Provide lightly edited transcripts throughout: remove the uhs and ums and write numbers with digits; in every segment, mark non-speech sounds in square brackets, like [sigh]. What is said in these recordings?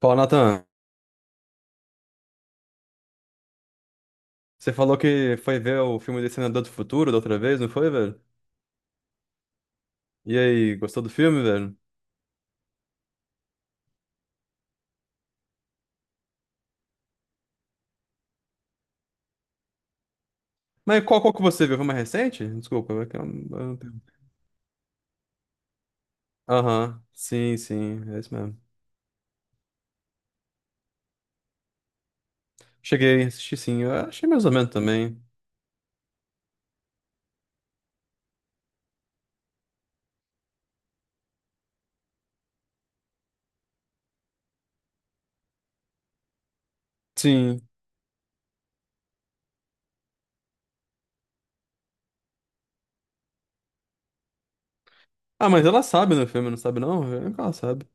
Fala, Nathan. Você falou que foi ver o filme de Senador do Futuro da outra vez, não foi, velho? E aí, gostou do filme, velho? Mas qual que você viu? Foi mais recente? Desculpa. Eu- Aham, sim, sim, é isso mesmo. Cheguei, assisti sim, eu achei mais ou menos também. Sim. Ah, mas ela sabe no filme, não sabe não? Ela sabe.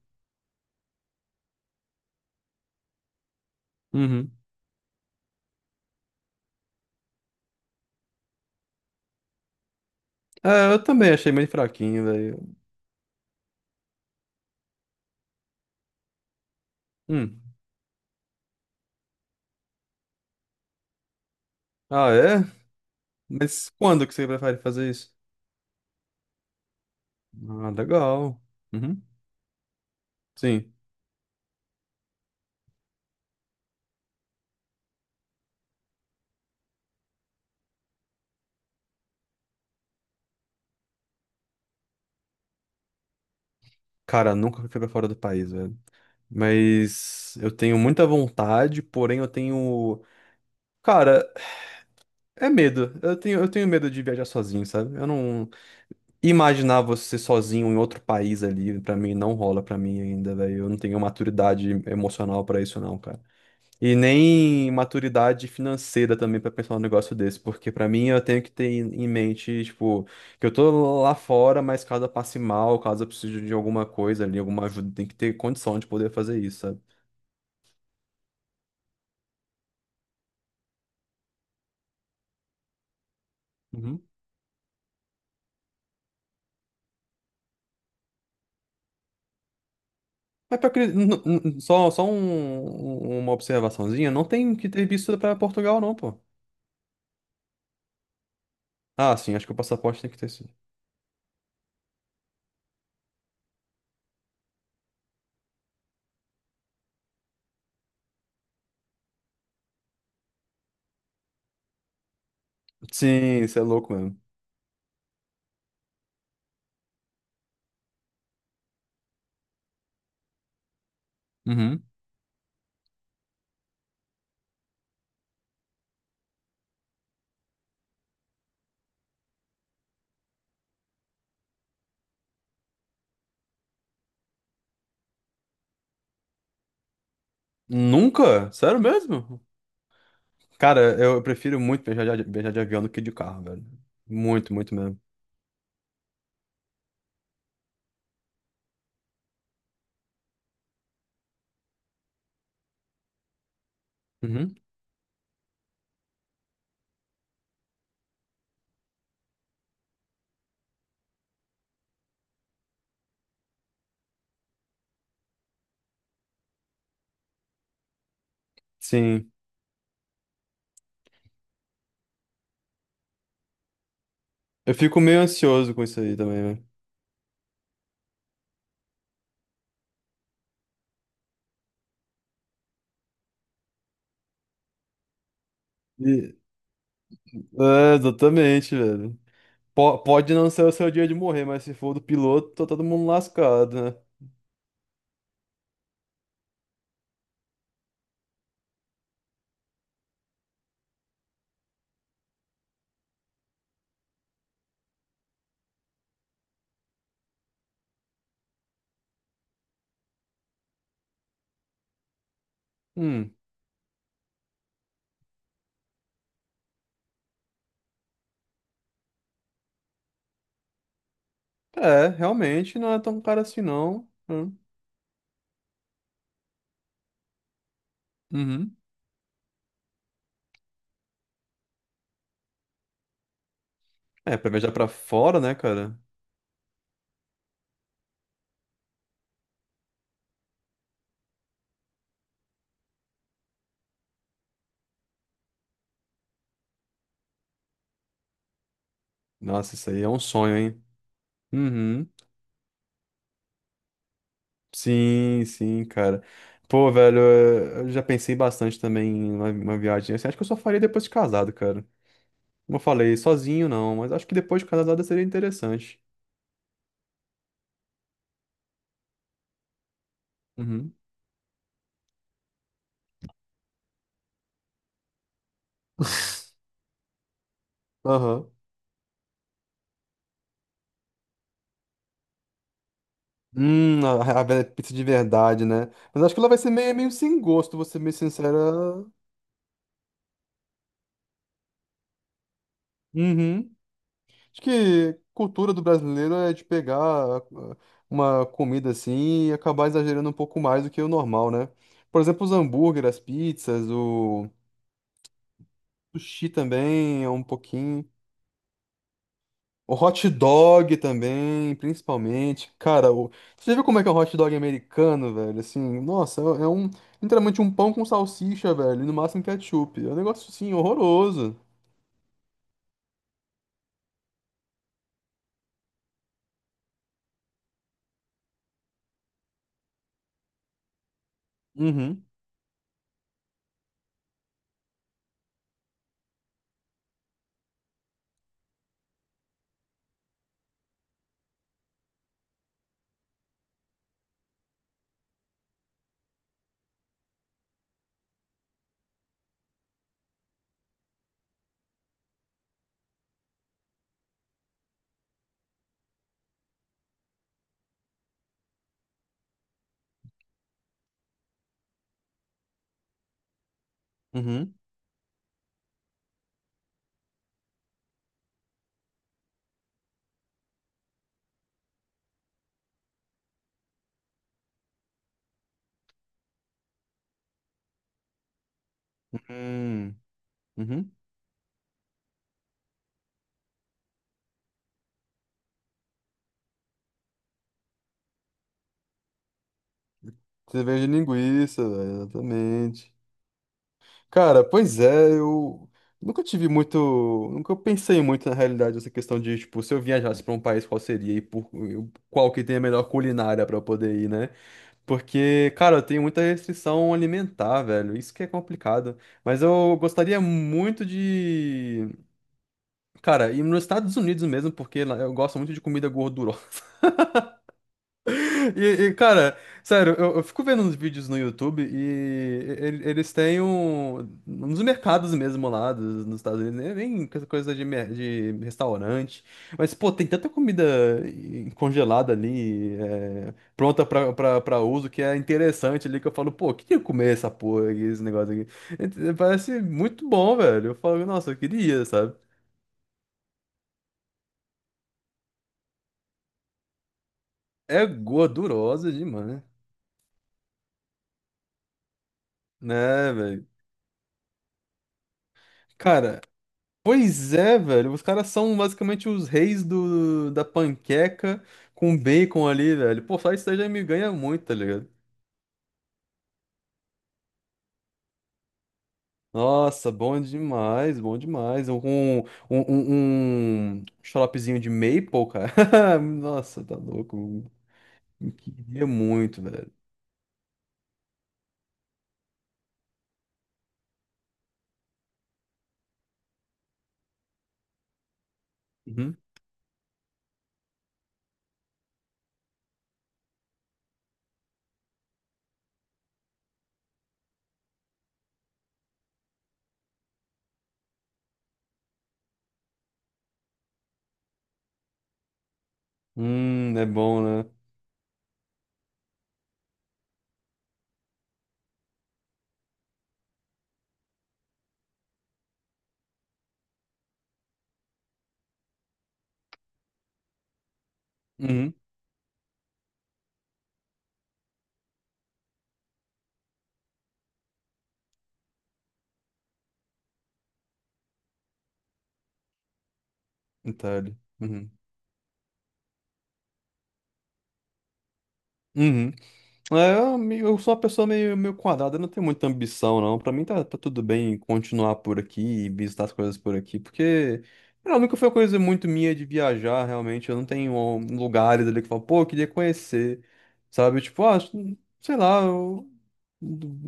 Uhum. É, eu também achei meio fraquinho, velho. Hum. Ah, é? Mas quando que você prefere fazer isso? Ah, legal. Uhum. Sim. Cara, nunca fui pra fora do país, velho. Mas eu tenho muita vontade, porém eu tenho. Cara, é medo. Eu tenho medo de viajar sozinho, sabe? Eu não. Imaginar você sozinho em outro país ali, pra mim, não rola pra mim ainda, velho. Eu não tenho maturidade emocional pra isso, não, cara. E nem maturidade financeira também pra pensar um negócio desse, porque pra mim eu tenho que ter em mente, tipo, que eu tô lá fora, mas caso eu passe mal, caso eu precise de alguma coisa ali, alguma ajuda, tem que ter condição de poder fazer isso, sabe? Mas pior que só uma observaçãozinha, não tem que ter visto pra Portugal, não, pô. Ah, sim, acho que o passaporte tem que ter sido. Sim, isso é louco mesmo. Uhum. Nunca? Sério mesmo? Cara, eu, prefiro muito viajar de avião do que de carro, velho. Muito, muito mesmo. Uhum. Sim. Eu fico meio ansioso com isso aí também, velho. E- É, exatamente, velho. Pode não ser o seu dia de morrer, mas se for do piloto, tá todo mundo lascado, né? Hum. É, realmente não é tão caro assim, não. Hum. Uhum. É, pra viajar pra fora, né, cara? Nossa, isso aí é um sonho, hein? Uhum. Sim, sim, cara. Pô, velho, é, eu já pensei bastante também em uma viagem assim. Acho que eu só faria depois de casado, cara. Como eu falei, sozinho não, mas acho que depois de casado seria interessante. Uhum. [laughs] Aham. A velha pizza de verdade, né? Mas acho que ela vai ser meio sem gosto, vou ser meio sincera. Uhum. Acho que cultura do brasileiro é de pegar ah, uma comida assim e acabar exagerando um pouco mais do que o normal, né? Por exemplo, os hambúrgueres, as pizzas, o sushi também é um pouquinho. O hot dog também, principalmente. Cara, você já viu como é que é um hot dog americano, velho? Assim, nossa, é um, literalmente, um pão com salsicha, velho, e no máximo ketchup. É um negócio assim horroroso. Uhum, uhum, uhum, uhum. Cerveja de linguiça, velho, exatamente. Cara, pois é, eu nunca tive muito, nunca pensei muito na realidade essa questão de, tipo, se eu viajasse pra um país, qual seria e por qual que tem a melhor culinária pra eu poder ir, né? Porque, cara, eu tenho muita restrição alimentar, velho, isso que é complicado. Mas eu gostaria muito de, cara, ir nos Estados Unidos mesmo, porque lá eu gosto muito de comida gordurosa. E, e, cara, sério, eu fico vendo uns vídeos no YouTube eles têm um, nos mercados mesmo lá nos Estados Unidos, né, nem essa coisa de, de restaurante, mas pô, tem tanta comida congelada ali, é, pronta pra uso, que é interessante ali, que eu falo, pô, eu queria comer essa porra aqui, esse negócio aqui. E parece muito bom, velho. Eu falo, nossa, eu queria, sabe? É gordurosa demais, né, velho? Cara. Pois é, velho. Os caras são basicamente os reis da panqueca com bacon ali, velho. Pô, só isso aí já me ganha muito, tá ligado? Nossa, bom demais, bom demais. Um xaropezinho de maple, cara. [laughs] Nossa, tá louco. Eu queria muito, velho. Uhum. É bom, né? Uhum. Itália. Uhum. Uhum. É, eu sou uma pessoa meio, meio quadrada, eu não tenho muita ambição, não. Pra mim tá, tudo bem continuar por aqui e visitar as coisas por aqui, porque sei lá, nunca foi uma coisa muito minha de viajar, realmente. Eu não tenho lugares ali que eu falo, pô, eu queria conhecer, sabe? Tipo, sei lá, eu,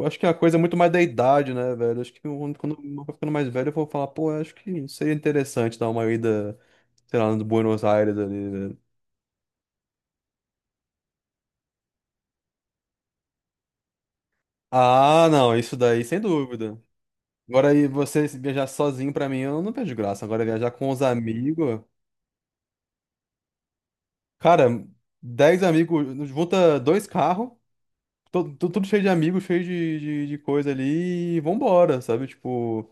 acho que a coisa é muito mais da idade, né, velho? Acho que quando eu for ficando mais velho, eu vou falar, pô, acho que seria interessante dar uma ida, sei lá, no Buenos Aires ali, velho. Ah, não, isso daí, sem dúvida. Agora aí, você viajar sozinho pra mim, eu não vejo graça. Agora viajar com os amigos. Cara, 10 amigos, junta dois carros, tudo cheio de amigos, cheio de coisa ali, e vambora, sabe? Tipo,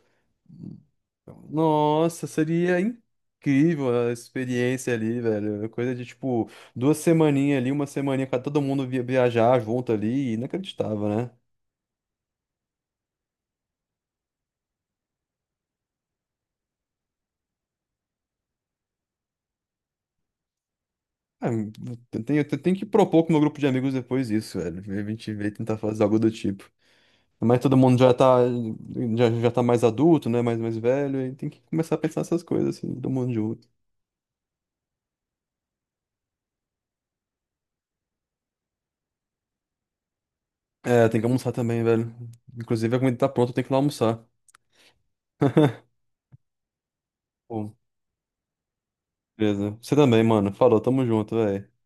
nossa, seria incrível a experiência ali, velho. É coisa de tipo, 2 semaninhas ali, uma semaninha pra todo mundo viajar junto ali, inacreditável, né? Ah, eu tenho que propor com o meu grupo de amigos depois isso, velho. A gente vê e tentar fazer algo do tipo. Mas todo mundo já tá mais adulto, né? Mais velho, e tem que começar a pensar essas coisas, assim, todo mundo junto. É, tem que almoçar também, velho. Inclusive, a comida tá pronta, eu tenho que ir lá almoçar. [laughs] Bom, beleza. Você também, mano. Falou, tamo junto, velho.